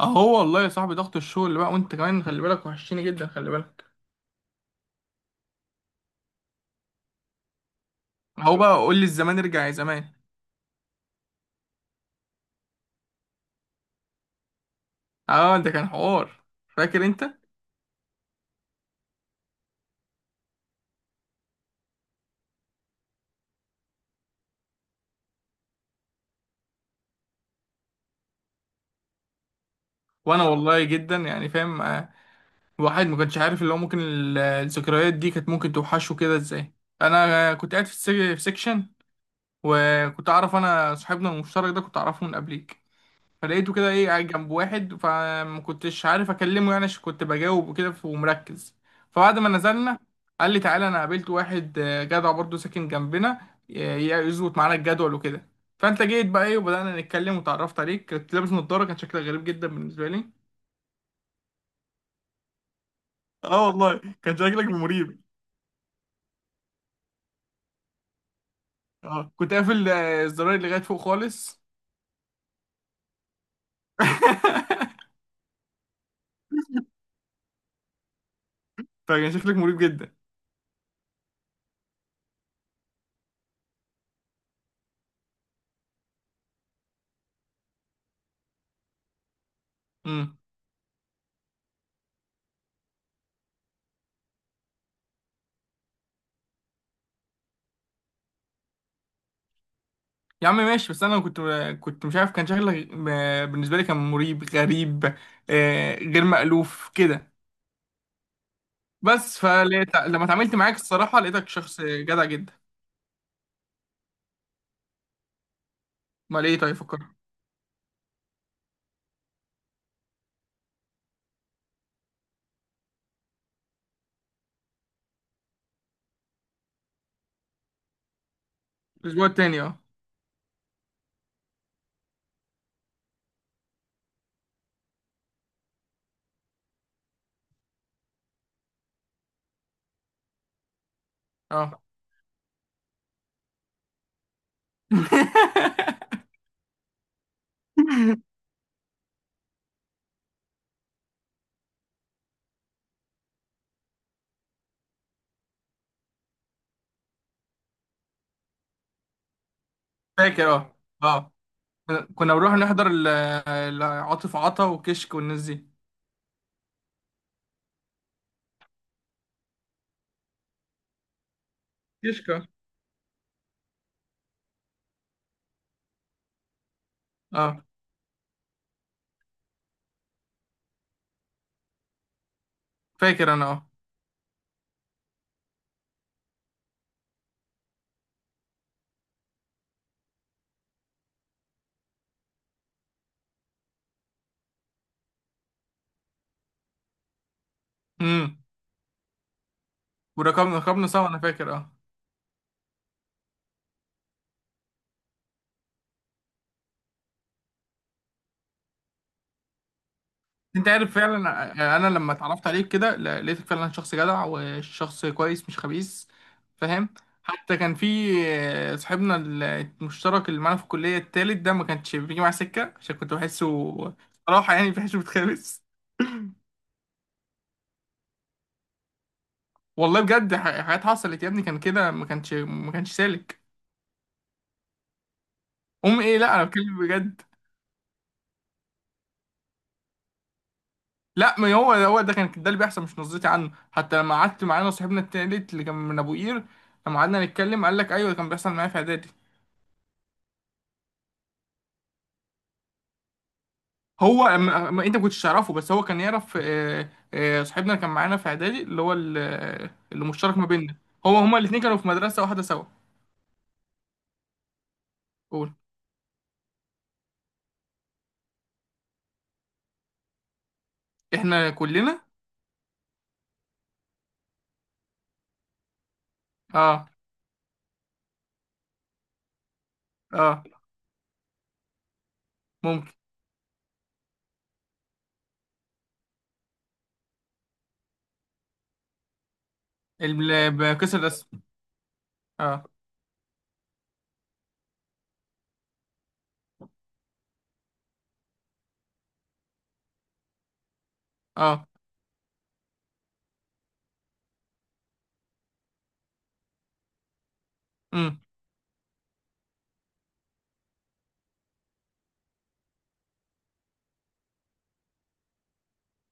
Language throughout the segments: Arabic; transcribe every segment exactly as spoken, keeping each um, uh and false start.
اهو والله يا صاحبي، ضغط الشغل بقى. وانت كمان خلي بالك، وحشتني جدا. خلي بالك. اهو بقى قول لي، الزمان ارجع يا زمان. اه، ده كان حوار. فاكر انت؟ وانا والله جدا يعني فاهم. آه، الواحد ما كانش عارف اللي هو ممكن ال- الذكريات دي كانت ممكن توحشه كده ازاي. انا آه، كنت قاعد في السك- في سيكشن، وكنت اعرف انا صاحبنا المشترك ده، كنت اعرفه من قبليك. فلقيته كده ايه قاعد جنب واحد، فما كنتش عارف اكلمه يعني عشان كنت بجاوب وكده ف- ومركز. فبعد ما نزلنا، قال لي تعالى انا قابلت واحد آه، جدع برضه ساكن جنبنا ي- ي- يظبط معانا الجدول وكده. فانت جيت بقى ايه وبدأنا نتكلم وتعرفت عليك، كنت لابس نضارة، كان شكلك غريب جدا بالنسبة لي. اه والله كان شكلك مريب. اه كنت قافل آه، الزراير اللي لغاية فوق خالص. فكان شكلك مريب جدا. مم. يا عم ماشي، بس انا كنت كنت مش عارف، كان شكلك م- بالنسبه لي كان مريب غريب. آه، غير مألوف كده. بس فلقيت لما اتعاملت معاك الصراحه لقيتك شخص جدع جدا. امال ايه؟ طيب فكر. الاسبوع التاني اه. اه. فاكر اه. اه كنا بنروح نحضر ال- ال- عاطف عطا وكشك والناس دي. كشك اه. فاكر انا اه. امم. وركبنا ركبنا سوا انا فاكر اه. انت عارف فعلا، انا لما اتعرفت عليك كده ل- لقيتك فعلا شخص جدع وشخص كويس مش خبيث. فاهم. حتى كان في آه، صاحبنا ال- المشترك اللي معانا في الكليه التالت ده، ما كانش بيجي معاه سكه عشان كنت بحسه صراحه يعني بحسه بيتخابس. والله بجد ح- حاجات حصلت يا ابني، كان كده ما كانش ما كانش سالك. ام ايه، لا انا بتكلم بجد. لا، ما هو هو ده كان ده اللي بيحصل مش نظرتي عنه. حتى لما قعدت معانا صاحبنا التالت اللي كان من ابو قير، لما قعدنا نتكلم قال لك ايوه ده كان بيحصل معايا في اعدادي. هو ما ما- انت ما كنتش تعرفه، بس هو كان يعرف آه، آه، صاحبنا اللي كان معانا في اعدادي اللي هو ال- آه، اللي مشترك ما بيننا. هو هما الاثنين كانوا في مدرسه واحده سوا. قول. احنا كلنا. اه. اه ممكن ال- بكسر الرسم. اه. اه. امم.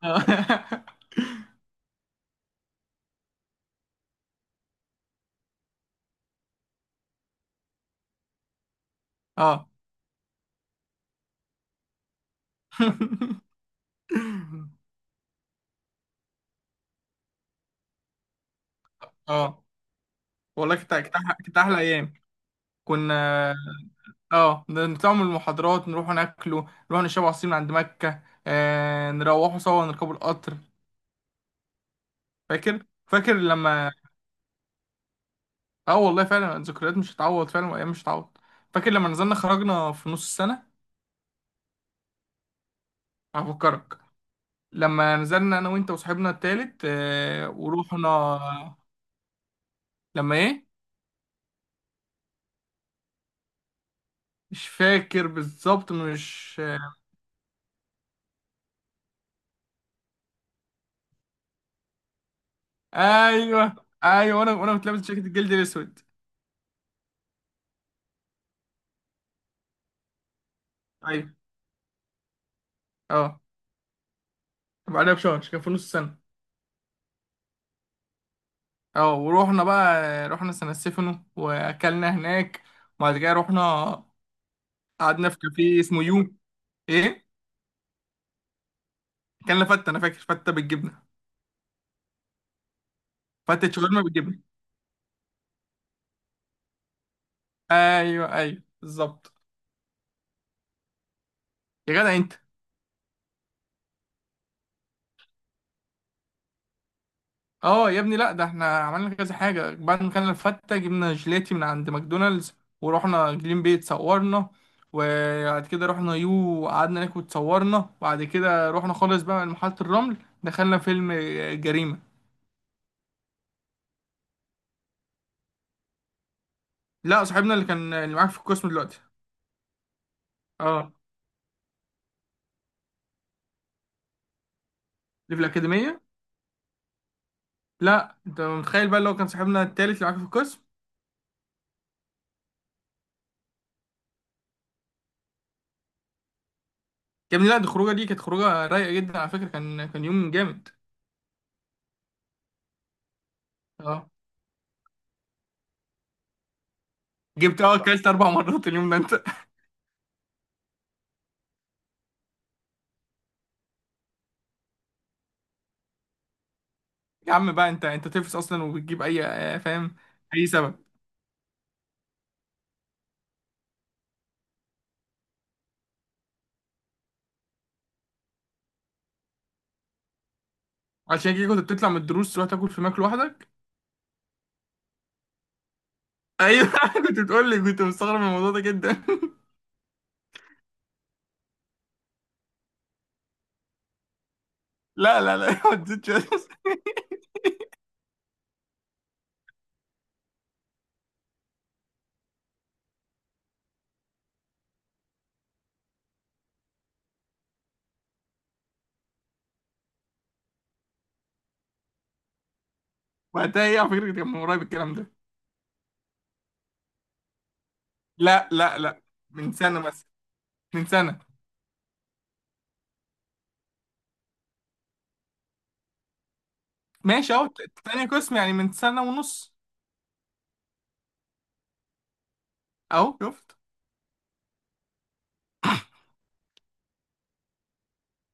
اه. اه. اه والله، كانت كانت أحلى كانت أحلى ايام. كنا اه، نطلع من المحاضرات نروح ناكله، نروح نشرب عصير من عند مكه، آه نروحوا سوا نركبوا القطر. فاكر فاكر لما. اه والله فعلا الذكريات مش هتعوض فعلا، وايام مش هتعوض. فاكر لما نزلنا خرجنا في نص السنه؟ هفكرك. لما نزلنا انا وانت وصاحبنا التالت آه، ورحنا. لما ايه؟ مش فاكر بالظبط مش ايوه ايوه. وانا وانا كنت لابس جاكيت الجلد الاسود. ايوه. اه. بعدها بشهر كان في نص السنه. اه ورحنا بقى. رحنا سان ستيفانو واكلنا هناك، وبعد كده رحنا. قعدنا في كافيه اسمه يو. ايه؟ كان فته، انا فاكر فته بالجبنه. فته شاورما بالجبنه. ايوه ايوه بالظبط. يا جدع انت. اه يا ابني، لا ده احنا عملنا كذا حاجه. بعد ما كان الفته جبنا جيلاتي من عند ماكدونالدز، ورحنا جليم بي اتصورنا، وبعد كده رحنا يو وقعدنا ناكل اتصورنا، وبعد كده رحنا خالص بقى لمحطه الرمل. دخلنا فيلم آه، جريمه. لا صاحبنا اللي كان اللي معاك في القسم دلوقتي. اه اللي في الاكاديميه. لا انت متخيل بقى اللي هو كان صاحبنا التالت اللي معاك في القسم. يا ابني، لا دي الخروجه دي كانت خروجه رايقه جدا على فكره، كان كان يوم جامد. اه. جبت اه اكلت اربع مرات اليوم ده انت. يا عم بقى انت انت تفس اصلا وبتجيب اي آه، فاهم. اي سبب. عشان كده كنت بتطلع من الدروس تروح تاكل في ماك لوحدك؟ ايوه. كنت بتقول لي، كنت مستغرب من الموضوع ده جدا. لا لا لا. ما تزيدش بس. وقتها؟ ايه على فكره كان من قريب الكلام ده. لا لا لا، من سنه مثلا، من سنه. ماشي، اهو ت- تاني قسم يعني من سنه ونص. اهو شفت.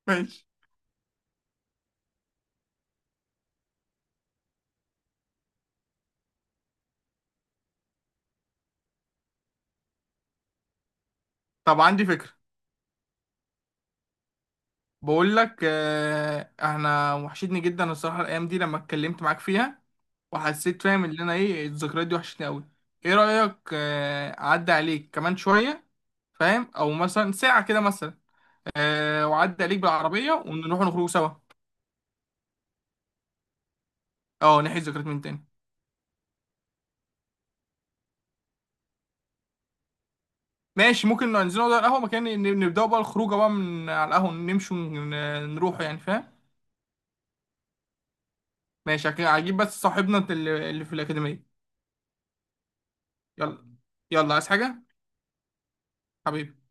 ماشي. طب عندي فكره. بقول لك آه، احنا وحشتني جدا الصراحه الايام دي لما اتكلمت معاك فيها، وحسيت فاهم ان انا ايه الذكريات دي وحشتني قوي. ايه رايك آه، اعدي عليك كمان شويه فاهم، او مثلا ساعه كده مثلا؟ أه واعدي عليك بالعربيه ونروح نخرج سوا. اه نحيي الذكريات من تاني. ماشي ممكن ننزل نقعد على القهوه، مكان ن- نبداوا بقى الخروجه بقى من على القهوه، نمشي ونروح يعني فاهم. ماشي هجيب بس صاحبنا اللي اللي في الاكاديميه. يلا. يلا عايز حاجه؟ حبيبي.